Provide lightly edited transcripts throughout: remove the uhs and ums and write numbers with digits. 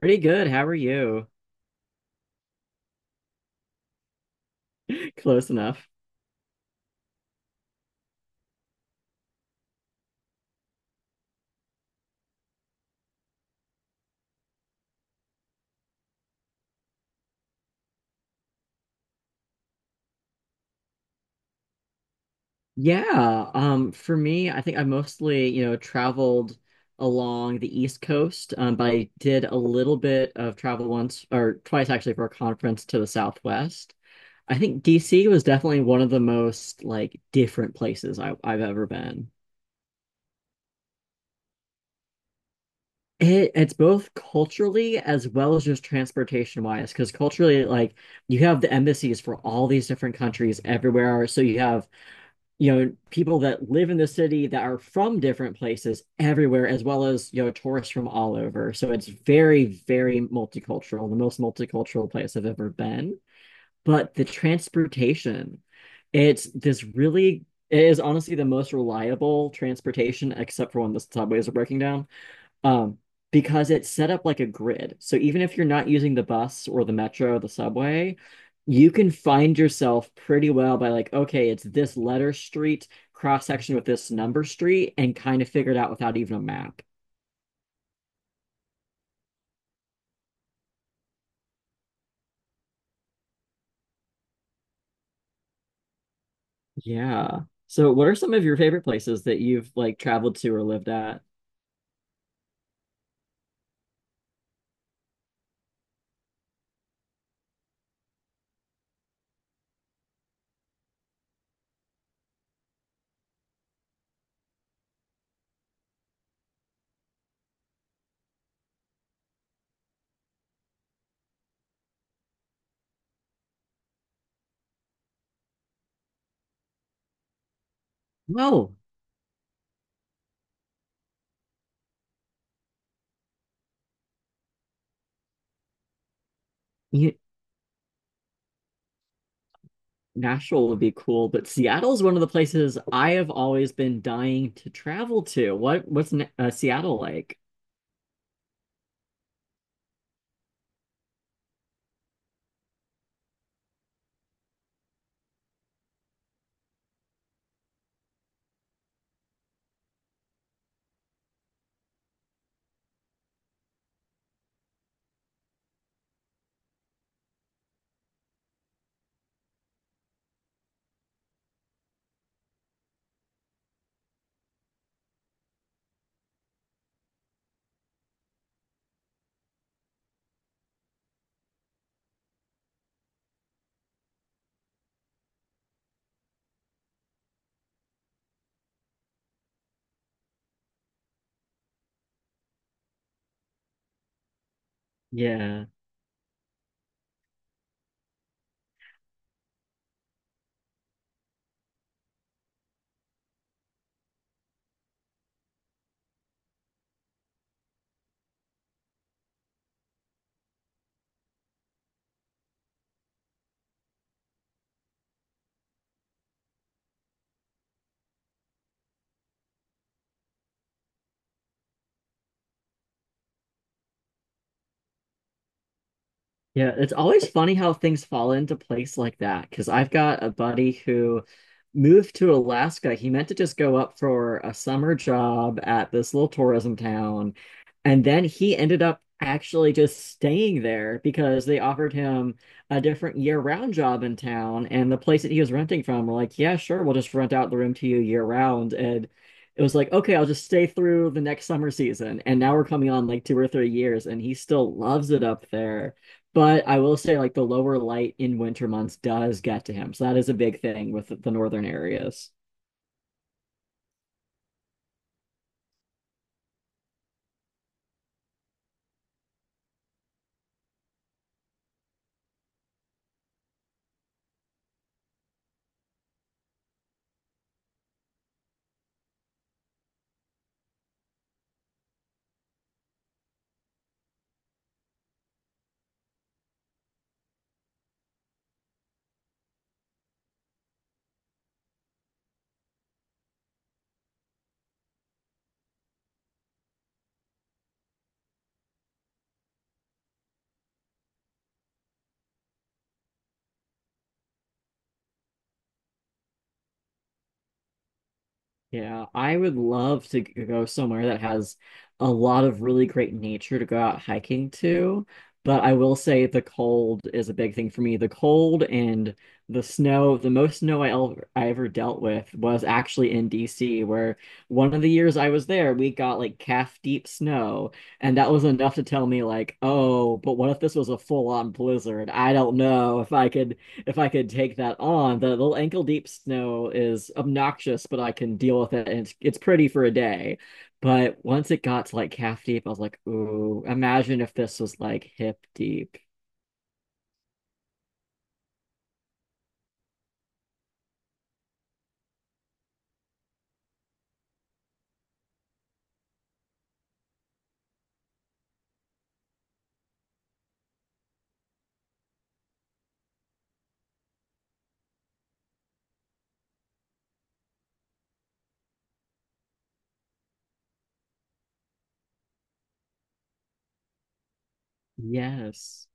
Pretty good. How are you? Close enough. Yeah, for me, I think I mostly, you know, traveled along the East Coast, but I did a little bit of travel once or twice actually for a conference to the Southwest. I think DC was definitely one of the most like different places I've ever been. It's both culturally as well as just transportation wise, because culturally, like you have the embassies for all these different countries everywhere. So you have, you know, people that live in the city that are from different places everywhere, as well as, you know, tourists from all over. So it's very multicultural, the most multicultural place I've ever been. But the transportation, it's this really, it is honestly the most reliable transportation, except for when the subways are breaking down. um, because it's set up like a grid. So even if you're not using the bus or the metro or the subway, you can find yourself pretty well by like, okay, it's this letter street cross section with this number street, and kind of figure it out without even a map. Yeah. So what are some of your favorite places that you've like traveled to or lived at? Well, you, Nashville would be cool, but Seattle's one of the places I have always been dying to travel to. What's Seattle like? Yeah. Yeah, it's always funny how things fall into place like that. Because I've got a buddy who moved to Alaska. He meant to just go up for a summer job at this little tourism town. And then he ended up actually just staying there because they offered him a different year-round job in town. And the place that he was renting from were like, yeah, sure, we'll just rent out the room to you year-round. And it was like, okay, I'll just stay through the next summer season. And now we're coming on like 2 or 3 years, and he still loves it up there. But I will say, like, the lower light in winter months does get to him. So that is a big thing with the northern areas. Yeah, I would love to go somewhere that has a lot of really great nature to go out hiking to, but I will say the cold is a big thing for me. The cold and the snow, the most snow I ever dealt with was actually in DC, where one of the years I was there, we got like calf deep snow, and that was enough to tell me like, oh, but what if this was a full on blizzard? I don't know if I could take that on. The little ankle deep snow is obnoxious, but I can deal with it, and it's pretty for a day. But once it got to like calf deep, I was like, ooh, imagine if this was like hip deep. Yes.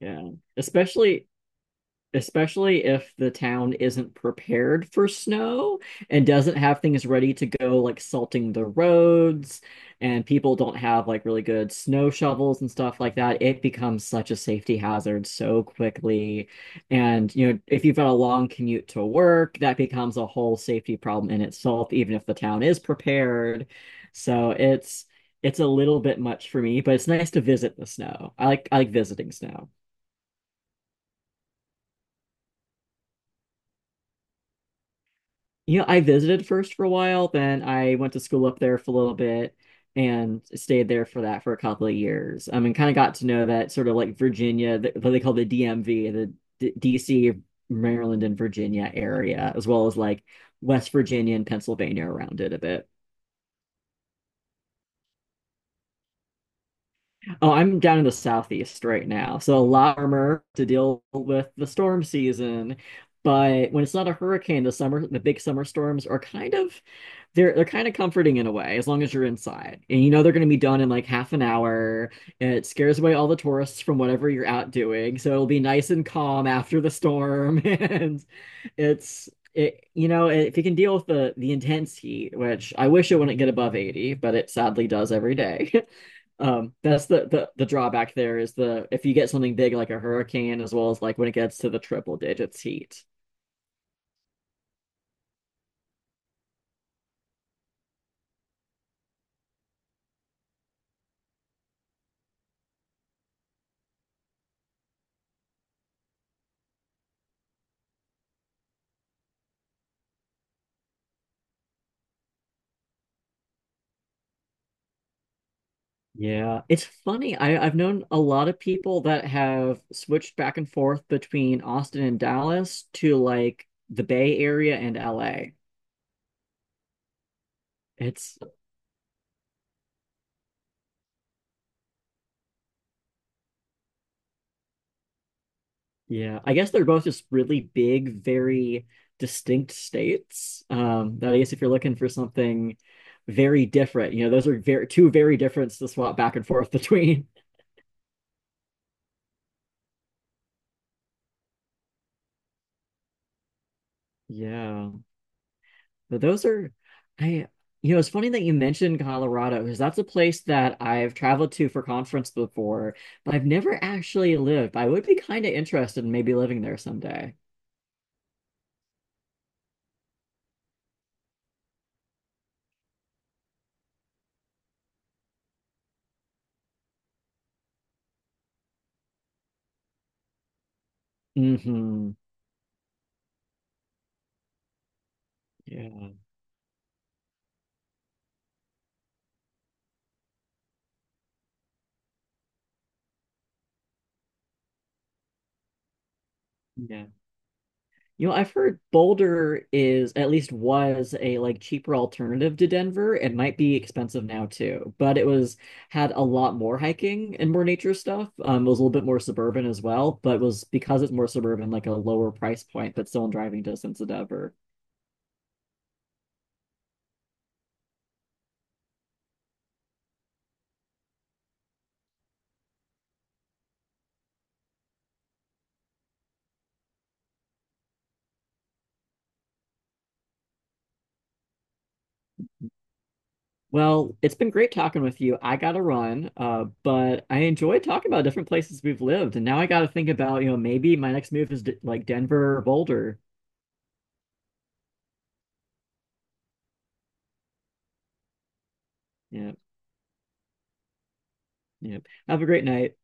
Yeah. Especially especially if the town isn't prepared for snow and doesn't have things ready to go, like salting the roads, and people don't have like really good snow shovels and stuff like that, it becomes such a safety hazard so quickly. And, you know, if you've got a long commute to work, that becomes a whole safety problem in itself, even if the town is prepared. So it's a little bit much for me, but it's nice to visit the snow. I like visiting snow. You know, I visited first for a while, then I went to school up there for a little bit and stayed there for that for a couple of years. I mean, kind of got to know that sort of like Virginia, what they call the DMV, the D DC, Maryland, and Virginia area, as well as like West Virginia and Pennsylvania around it a bit. Oh, I'm down in the southeast right now, so a lot warmer to deal with the storm season. But when it's not a hurricane, the summer, the big summer storms are kind of, they're kind of comforting in a way, as long as you're inside. And you know they're going to be done in like half an hour. It scares away all the tourists from whatever you're out doing. So it'll be nice and calm after the storm. And it's, it, you know, if you can deal with the intense heat, which I wish it wouldn't get above 80, but it sadly does every day. That's the drawback there is the, if you get something big like a hurricane, as well as like when it gets to the triple digits heat. Yeah, it's funny. I've known a lot of people that have switched back and forth between Austin and Dallas to like the Bay Area and LA. It's, yeah, I guess they're both just really big, very distinct states. That I guess if you're looking for something very different, you know, those are very, two very different to swap back and forth between. Yeah, but those are, I, you know, it's funny that you mentioned Colorado because that's a place that I've traveled to for conference before, but I've never actually lived. I would be kind of interested in maybe living there someday. Hmm. Yeah. Yeah. You know, I've heard Boulder is, at least was, a like cheaper alternative to Denver. It might be expensive now too, but it was, had a lot more hiking and more nature stuff. It was a little bit more suburban as well, but was, because it's more suburban, like a lower price point, but still in driving distance of Denver. Well, it's been great talking with you. I gotta run, but I enjoyed talking about different places we've lived, and now I gotta think about, you know, maybe my next move is d like Denver or Boulder. Yeah, yeah. Have a great night.